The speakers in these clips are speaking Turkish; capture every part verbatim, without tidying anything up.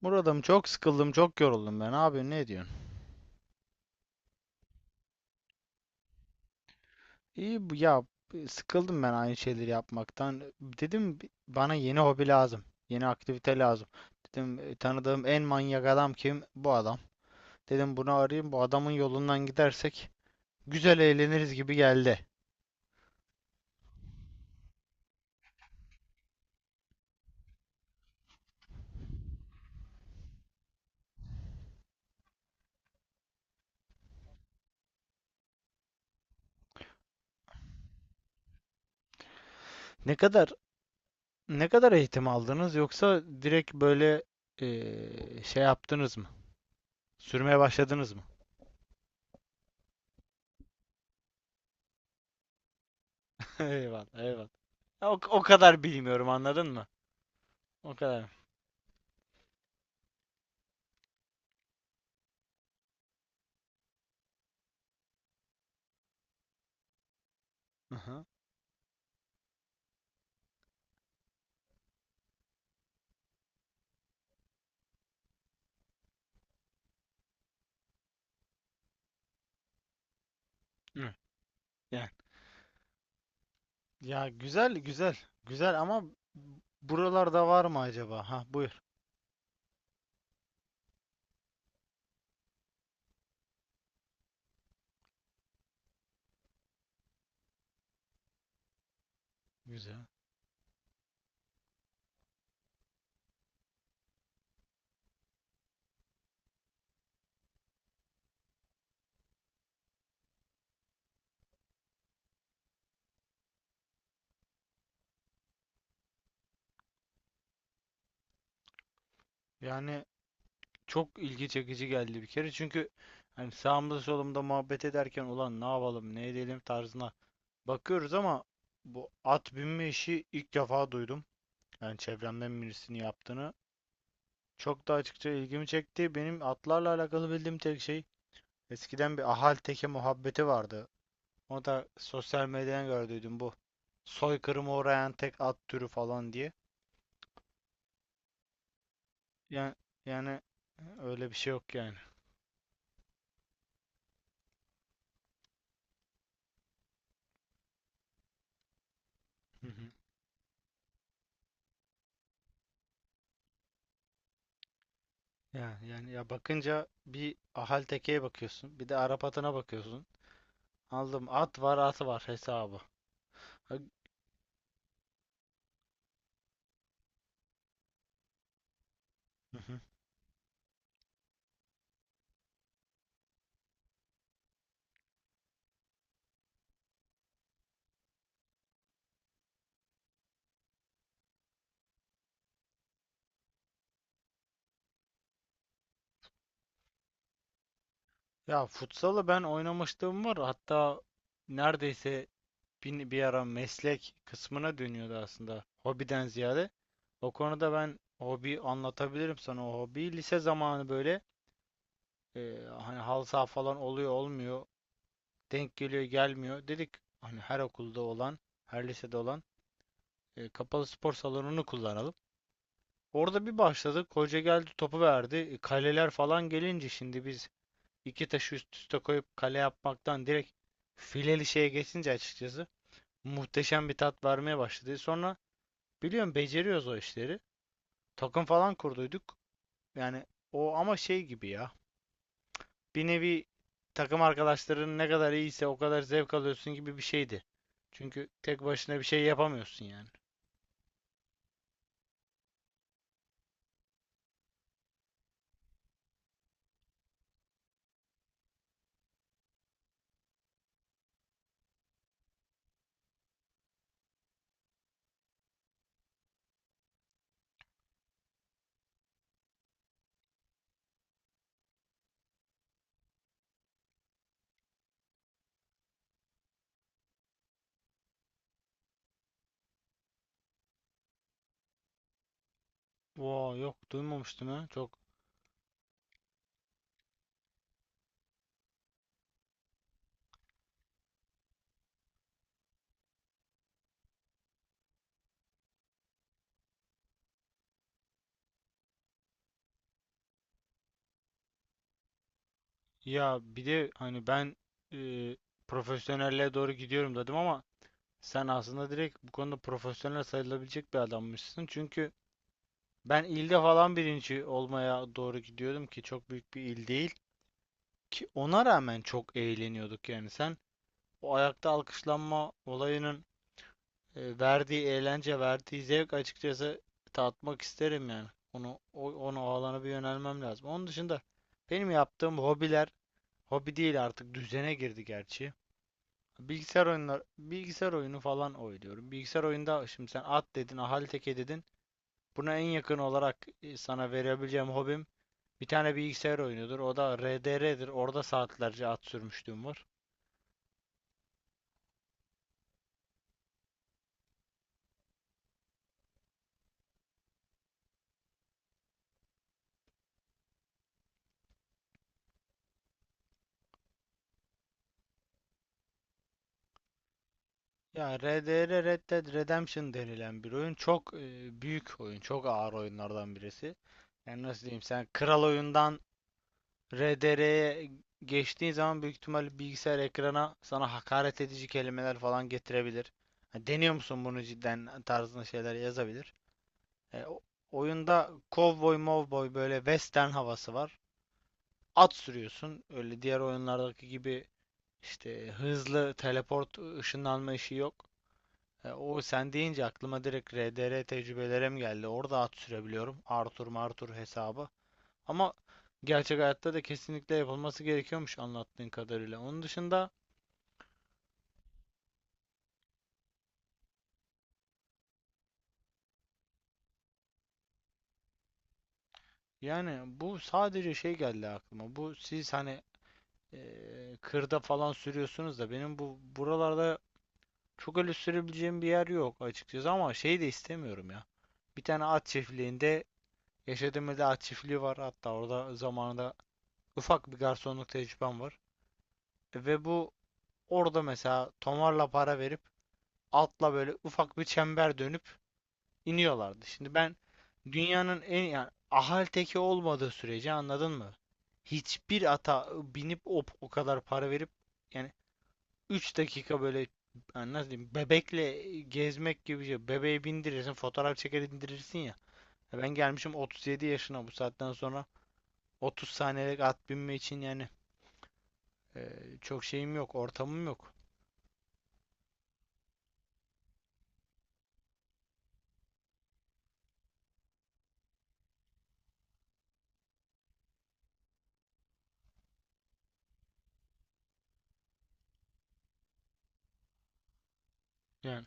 Muradım çok sıkıldım, çok yoruldum ben. Abi ne diyorsun? İyi bu ya. Sıkıldım ben aynı şeyleri yapmaktan. Dedim "Bi- bana yeni hobi lazım. Yeni aktivite lazım. Dedim "E, tanıdığım en manyak adam kim? Bu adam. Dedim bunu arayayım. Bu adamın yolundan gidersek güzel eğleniriz gibi geldi. Ne kadar ne kadar eğitim aldınız, yoksa direkt böyle eee, şey yaptınız mı? Sürmeye başladınız mı? Eyvallah, eyvallah. Ya O, o kadar bilmiyorum, anladın mı? O kadar. Aha. Hı. Ya Ya güzel güzel güzel ama buralarda var mı acaba? Ha, buyur. Güzel. Yani çok ilgi çekici geldi bir kere. Çünkü hani sağımda solumda muhabbet ederken ulan ne yapalım ne edelim tarzına bakıyoruz ama bu at binme işi ilk defa duydum. Yani çevremden birisinin yaptığını. Çok da açıkça ilgimi çekti. Benim atlarla alakalı bildiğim tek şey, eskiden bir ahal teke muhabbeti vardı. Onu da sosyal medyadan gördüydüm bu. Soykırıma uğrayan tek at türü falan diye. Yani yani e, öyle bir şey yok yani. Hı hı. Yani yani ya, bakınca bir ahal tekeye bakıyorsun, bir de Arap atına bakıyorsun. Aldım at var, atı var hesabı. Ha, hı hı. Ya futsalı ben oynamışlığım var. Hatta neredeyse bir, bir ara meslek kısmına dönüyordu aslında. Hobiden ziyade. O konuda ben hobi anlatabilirim sana. O hobi lise zamanı böyle Ee, Hani halı saha falan oluyor olmuyor. Denk geliyor gelmiyor. Dedik hani her okulda olan, her lisede olan e, kapalı spor salonunu kullanalım. Orada bir başladık. Hoca geldi, topu verdi. E, Kaleler falan gelince şimdi biz iki taşı üst üste koyup kale yapmaktan direkt fileli şeye geçince, açıkçası muhteşem bir tat vermeye başladı. Sonra biliyorum beceriyoruz o işleri. Takım falan kurduyduk. Yani o ama şey gibi ya, bir nevi, takım arkadaşların ne kadar iyiyse o kadar zevk alıyorsun gibi bir şeydi. Çünkü tek başına bir şey yapamıyorsun yani. Wow, yok duymamıştım ha. Çok ya, bir de hani ben e, profesyonelliğe doğru gidiyorum dedim ama sen aslında direkt bu konuda profesyonel sayılabilecek bir adammışsın. Çünkü ben ilde falan birinci olmaya doğru gidiyordum ki çok büyük bir il değil. Ki ona rağmen çok eğleniyorduk yani. Sen o ayakta alkışlanma olayının e, verdiği eğlence, verdiği zevk açıkçası tatmak isterim yani. Onu o, onu o alana bir yönelmem lazım. Onun dışında benim yaptığım hobiler hobi değil, artık düzene girdi gerçi. Bilgisayar oyunlar bilgisayar oyunu falan oynuyorum. Bilgisayar oyunda şimdi sen at dedin, ahali teke dedin. Buna en yakın olarak e, sana verebileceğim hobim bir tane bilgisayar oyunudur. O da R D R'dir. Orada saatlerce at sürmüşlüğüm var. Ya R D R, Red Dead Redemption denilen bir oyun, çok e, büyük oyun, çok ağır oyunlardan birisi. Yani nasıl diyeyim, sen kral oyundan R D R'ye geçtiğin zaman büyük ihtimalle bilgisayar ekrana sana hakaret edici kelimeler falan getirebilir. Ha, deniyor musun bunu cidden tarzında şeyler yazabilir. E, o- oyunda cowboy mowboy böyle western havası var. At sürüyorsun. Öyle diğer oyunlardaki gibi işte hızlı teleport ışınlanma işi yok. E, o sen deyince aklıma direkt R D R tecrübelerim geldi. Orada at sürebiliyorum. Arthur Martur hesabı. Ama gerçek hayatta da kesinlikle yapılması gerekiyormuş anlattığın kadarıyla. Onun dışında yani, bu sadece şey geldi aklıma. Bu siz hani e, kırda falan sürüyorsunuz da benim bu buralarda çok öyle sürebileceğim bir yer yok açıkçası, ama şey de istemiyorum ya. Bir tane at çiftliğinde, yaşadığım ilde at çiftliği var. Hatta orada zamanında ufak bir garsonluk tecrübem var. E, Ve bu Orada mesela tomarla para verip altla böyle ufak bir çember dönüp iniyorlardı. Şimdi ben dünyanın en, yani ahal teki olmadığı sürece anladın mı? Hiçbir ata binip o, o kadar para verip yani üç dakika böyle, yani nasıl diyeyim, bebekle gezmek gibi bir şey. Bebeği bindirirsin, fotoğraf çeker indirirsin ya. Ya ben gelmişim otuz yedi yaşına, bu saatten sonra otuz saniyelik at binme için yani e, çok şeyim yok, ortamım yok. Yani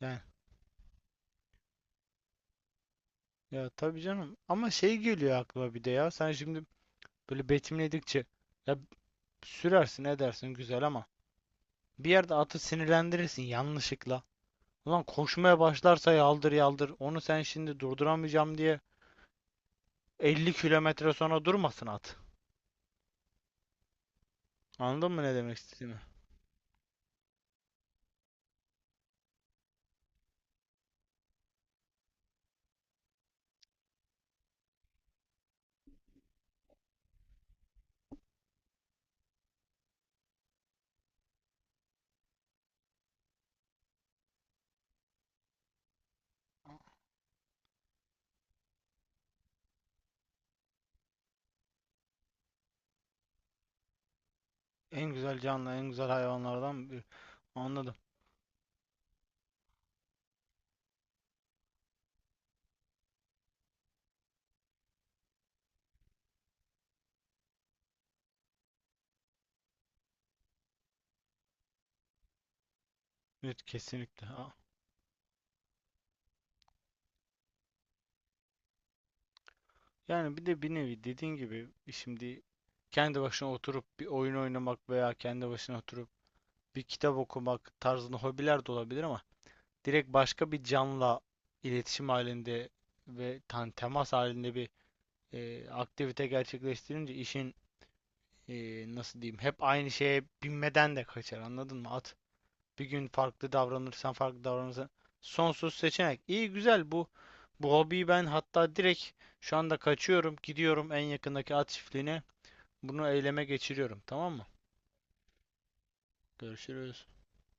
yani ya tabii canım. Ama şey geliyor aklıma bir de ya. Sen şimdi böyle betimledikçe ya, sürersin edersin güzel ama bir yerde atı sinirlendirirsin yanlışlıkla. Ulan koşmaya başlarsa yaldır yaldır. Onu sen şimdi durduramayacağım diye elli kilometre sonra durmasın at. Anladın mı ne demek istediğimi? En güzel canlı, en güzel hayvanlardan biri. Anladım. Evet, kesinlikle. Aa. Yani bir de bir nevi dediğin gibi şimdi kendi başına oturup bir oyun oynamak veya kendi başına oturup bir kitap okumak tarzında hobiler de olabilir ama direkt başka bir canla iletişim halinde ve tan temas halinde bir e, aktivite gerçekleştirince işin e, nasıl diyeyim, hep aynı şeye binmeden de kaçar anladın mı? At bir gün farklı davranırsan farklı davranırsan sonsuz seçenek. İyi güzel bu bu hobiyi ben hatta direkt şu anda kaçıyorum gidiyorum en yakındaki at çiftliğine, bunu eyleme geçiriyorum tamam mı? Görüşürüz.